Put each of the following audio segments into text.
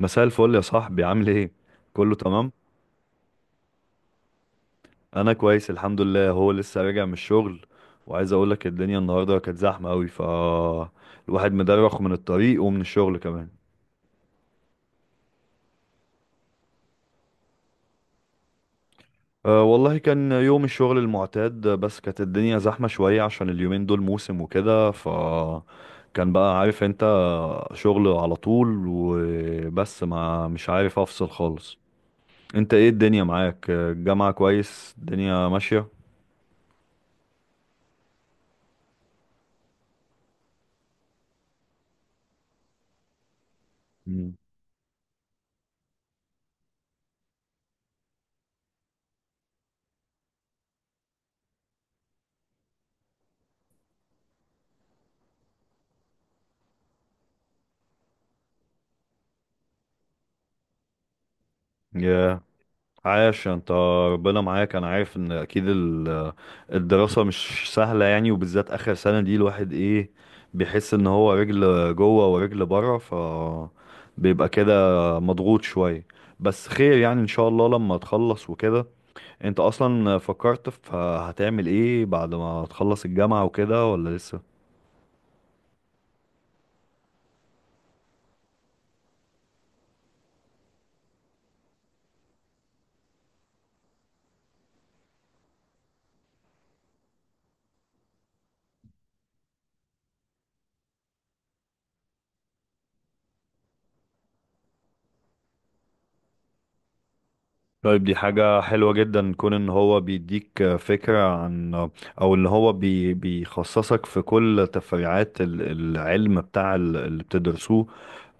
مساء الفل يا صاحبي، عامل ايه؟ كله تمام. انا كويس الحمد لله. هو لسه راجع من الشغل، وعايز اقول لك الدنيا النهارده كانت زحمه قوي. الواحد مدرخ من الطريق ومن الشغل كمان. أه والله كان يوم الشغل المعتاد، بس كانت الدنيا زحمه شويه عشان اليومين دول موسم وكده. كان بقى، عارف انت، شغل على طول وبس، ما مش عارف افصل خالص. انت ايه الدنيا معاك؟ الجامعه كويس؟ الدنيا ماشيه؟ مم. ياه. عاش انت، ربنا معاك. انا عارف ان اكيد الدراسة مش سهلة يعني، وبالذات اخر سنة دي الواحد ايه، بيحس ان هو رجل جوه ورجل بره. بيبقى كده مضغوط شوية. بس خير يعني ان شاء الله لما تخلص وكده. انت اصلا فكرت في هتعمل ايه بعد ما تخلص الجامعة وكده، ولا لسه؟ طيب، دي حاجة حلوة جدا، كون ان هو بيديك فكرة عن، او ان هو بيخصصك في كل تفريعات العلم بتاع اللي بتدرسوه.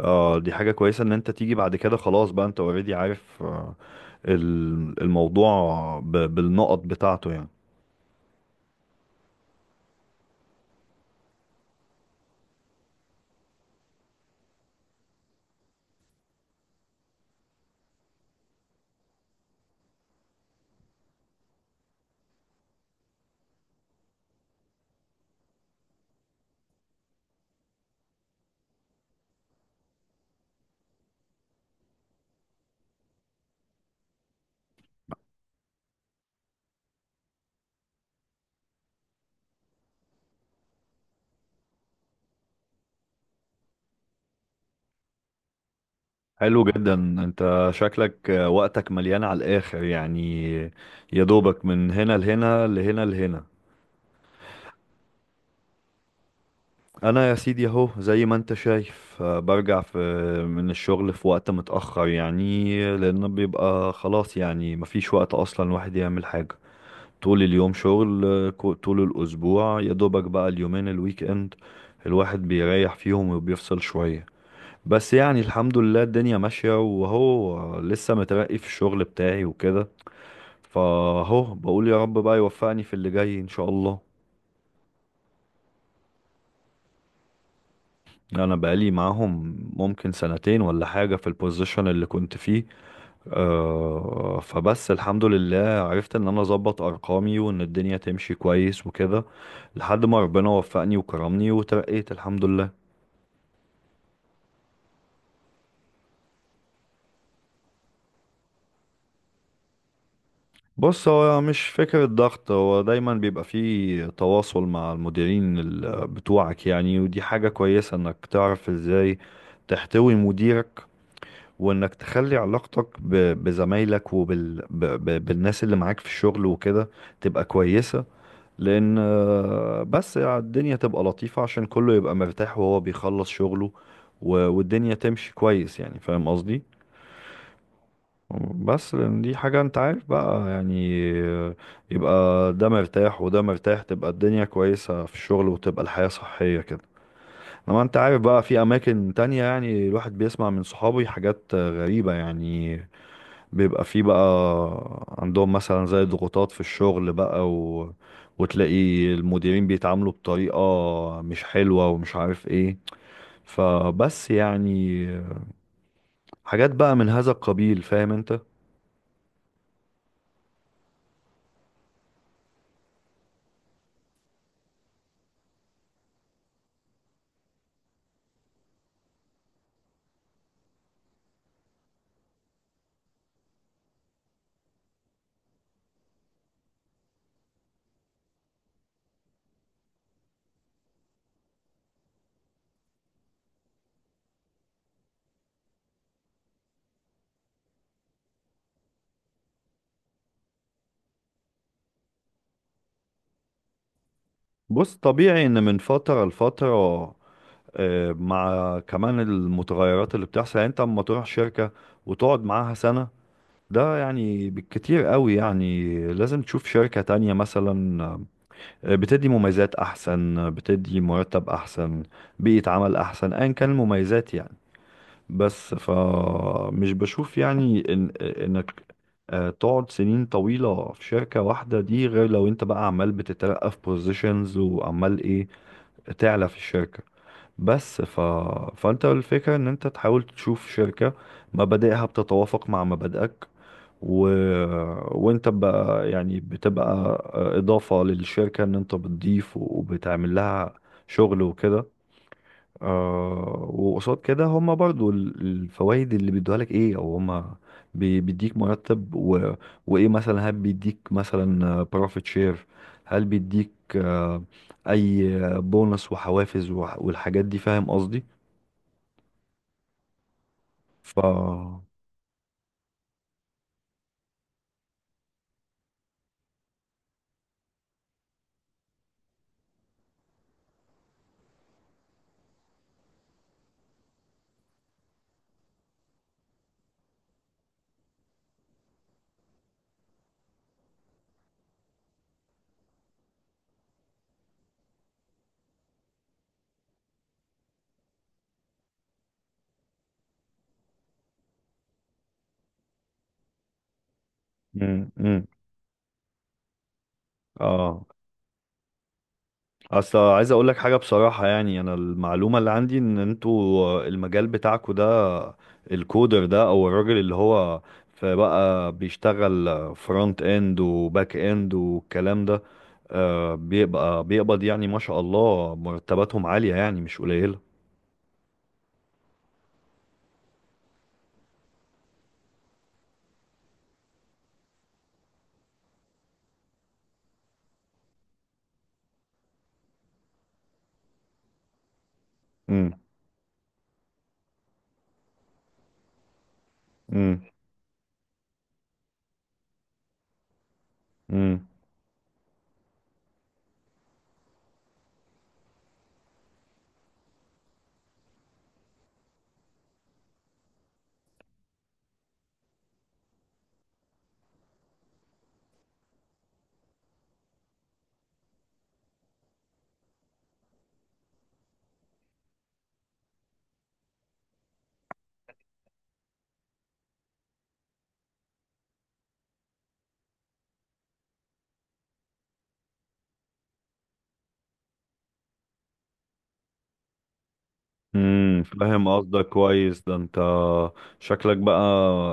آه، دي حاجة كويسة ان انت تيجي بعد كده، خلاص بقى انت اوريدي عارف آه الموضوع بالنقط بتاعته يعني. حلو جدا. انت شكلك وقتك مليان على الاخر يعني، يا دوبك من هنا لهنا لهنا لهنا. انا يا سيدي اهو زي ما انت شايف، برجع في من الشغل في وقت متأخر، يعني لان بيبقى خلاص يعني مفيش وقت اصلا الواحد يعمل حاجة. طول اليوم شغل، طول الاسبوع، يا دوبك بقى اليومين الويك اند الواحد بيريح فيهم وبيفصل شوية. بس يعني الحمد لله الدنيا ماشية، وهو لسه مترقي في الشغل بتاعي وكده، فهو بقول يا رب بقى يوفقني في اللي جاي ان شاء الله. انا بقالي معاهم ممكن سنتين ولا حاجة في البوزيشن اللي كنت فيه. أه فبس الحمد لله عرفت ان انا اظبط ارقامي وان الدنيا تمشي كويس وكده، لحد ما ربنا وفقني وكرمني وترقيت الحمد لله. بص، هو مش فكرة ضغط، هو دايما بيبقى فيه تواصل مع المديرين بتوعك يعني، ودي حاجة كويسة انك تعرف ازاي تحتوي مديرك، وانك تخلي علاقتك بزمايلك بالناس اللي معاك في الشغل وكده، تبقى كويسة. لان بس الدنيا تبقى لطيفة عشان كله يبقى مرتاح وهو بيخلص شغله، والدنيا تمشي كويس يعني، فاهم قصدي؟ بس لان دي حاجة انت عارف بقى يعني، يبقى ده مرتاح وده مرتاح، تبقى الدنيا كويسة في الشغل، وتبقى الحياة صحية كده. لما انت عارف بقى في اماكن تانية، يعني الواحد بيسمع من صحابي حاجات غريبة يعني، بيبقى فيه بقى عندهم مثلا زي ضغوطات في الشغل بقى، وتلاقي المديرين بيتعاملوا بطريقة مش حلوة، ومش عارف ايه، فبس يعني، حاجات بقى من هذا القبيل، فاهم انت. بص، طبيعي ان من فترة لفترة، مع كمان المتغيرات اللي بتحصل، يعني انت اما تروح شركة وتقعد معاها سنة، ده يعني بالكتير قوي، يعني لازم تشوف شركة تانية مثلا، بتدي مميزات احسن، بتدي مرتب احسن، بيئة عمل احسن، ايا كان المميزات يعني. بس فمش بشوف يعني إن انك تقعد سنين طويلة في شركة واحدة، دي غير لو انت بقى عمال بتترقى في بوزيشنز وعمال ايه، تعلى في الشركة. بس فانت الفكرة ان انت تحاول تشوف شركة مبادئها بتتوافق مع مبادئك، و... وانت بقى يعني بتبقى اضافة للشركة، ان انت بتضيف وبتعمل لها شغل وكده. آه، وقصاد كده هما برضو الفوائد اللي بيدوها لك ايه، او هما بيديك مرتب، وايه مثلا هل بيديك مثلا بروفيت شير، هل بيديك آه اي بونص وحوافز والحاجات دي، فاهم قصدي؟ ف مم، مم. اه. اصل عايز اقول لك حاجه بصراحه، يعني انا المعلومه اللي عندي ان انتوا المجال بتاعكوا ده، الكودر ده او الراجل اللي هو فبقى بيشتغل فرونت اند وباك اند والكلام ده، بيبقى بيقبض، يعني ما شاء الله مرتباتهم عاليه، يعني مش قليله. امم، امم. امم، فاهم قصدك كويس ده انت، شكلك بقى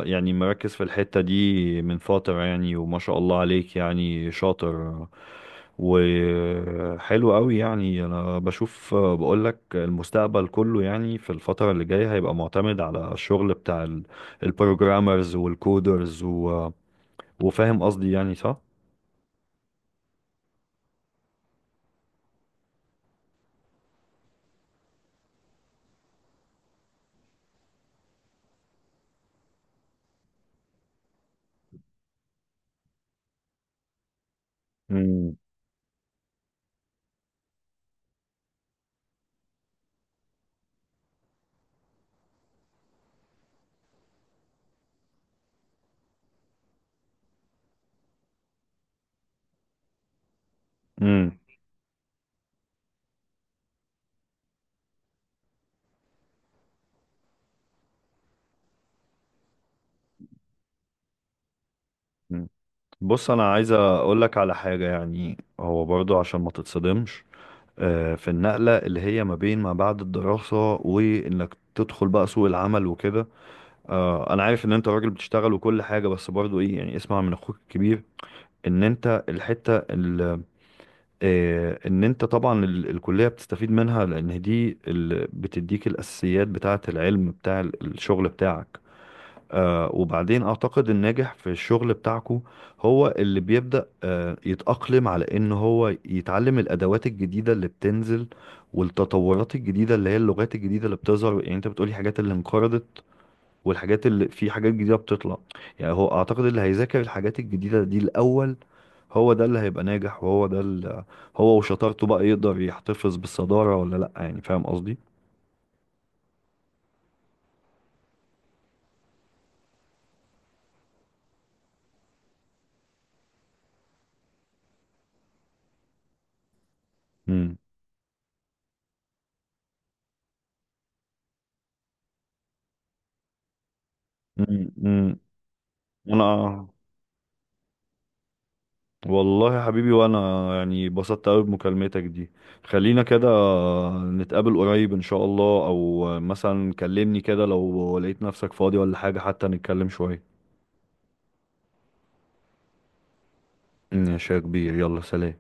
يعني مركز في الحتة دي من فترة يعني، وما شاء الله عليك يعني شاطر وحلو قوي. يعني انا بشوف بقولك المستقبل كله، يعني في الفترة اللي جاية هيبقى معتمد على الشغل بتاع البروجرامرز والكودرز، وفاهم قصدي يعني صح؟ امم، امم. بص، انا عايز اقولك على حاجة، يعني هو برضو عشان ما تتصدمش في النقلة اللي هي ما بين ما بعد الدراسة وإنك تدخل بقى سوق العمل وكده، أنا عارف إن أنت راجل بتشتغل وكل حاجة، بس برضو إيه يعني، اسمع من أخوك الكبير. إن أنت الحتة ال- إن أنت طبعا الكلية بتستفيد منها، لأن دي اللي بتديك الأساسيات بتاعة العلم بتاع الشغل بتاعك. آه، وبعدين اعتقد الناجح في الشغل بتاعكو هو اللي بيبدأ يتأقلم على ان هو يتعلم الادوات الجديدة اللي بتنزل، والتطورات الجديدة اللي هي اللغات الجديدة اللي بتظهر، يعني انت بتقولي حاجات اللي انقرضت، والحاجات اللي في حاجات جديدة بتطلع. يعني هو اعتقد اللي هيذاكر الحاجات الجديدة دي الاول، هو ده اللي هيبقى ناجح، وهو ده اللي هو وشطارته بقى يقدر يحتفظ بالصدارة ولا لا، يعني فاهم قصدي؟ امم، امم، انا والله يا حبيبي، وانا يعني اتبسطت قوي بمكالمتك دي. خلينا كده نتقابل قريب ان شاء الله، او مثلا كلمني كده لو لقيت نفسك فاضي ولا حاجة حتى نتكلم شوية. ماشي يا كبير، يلا سلام.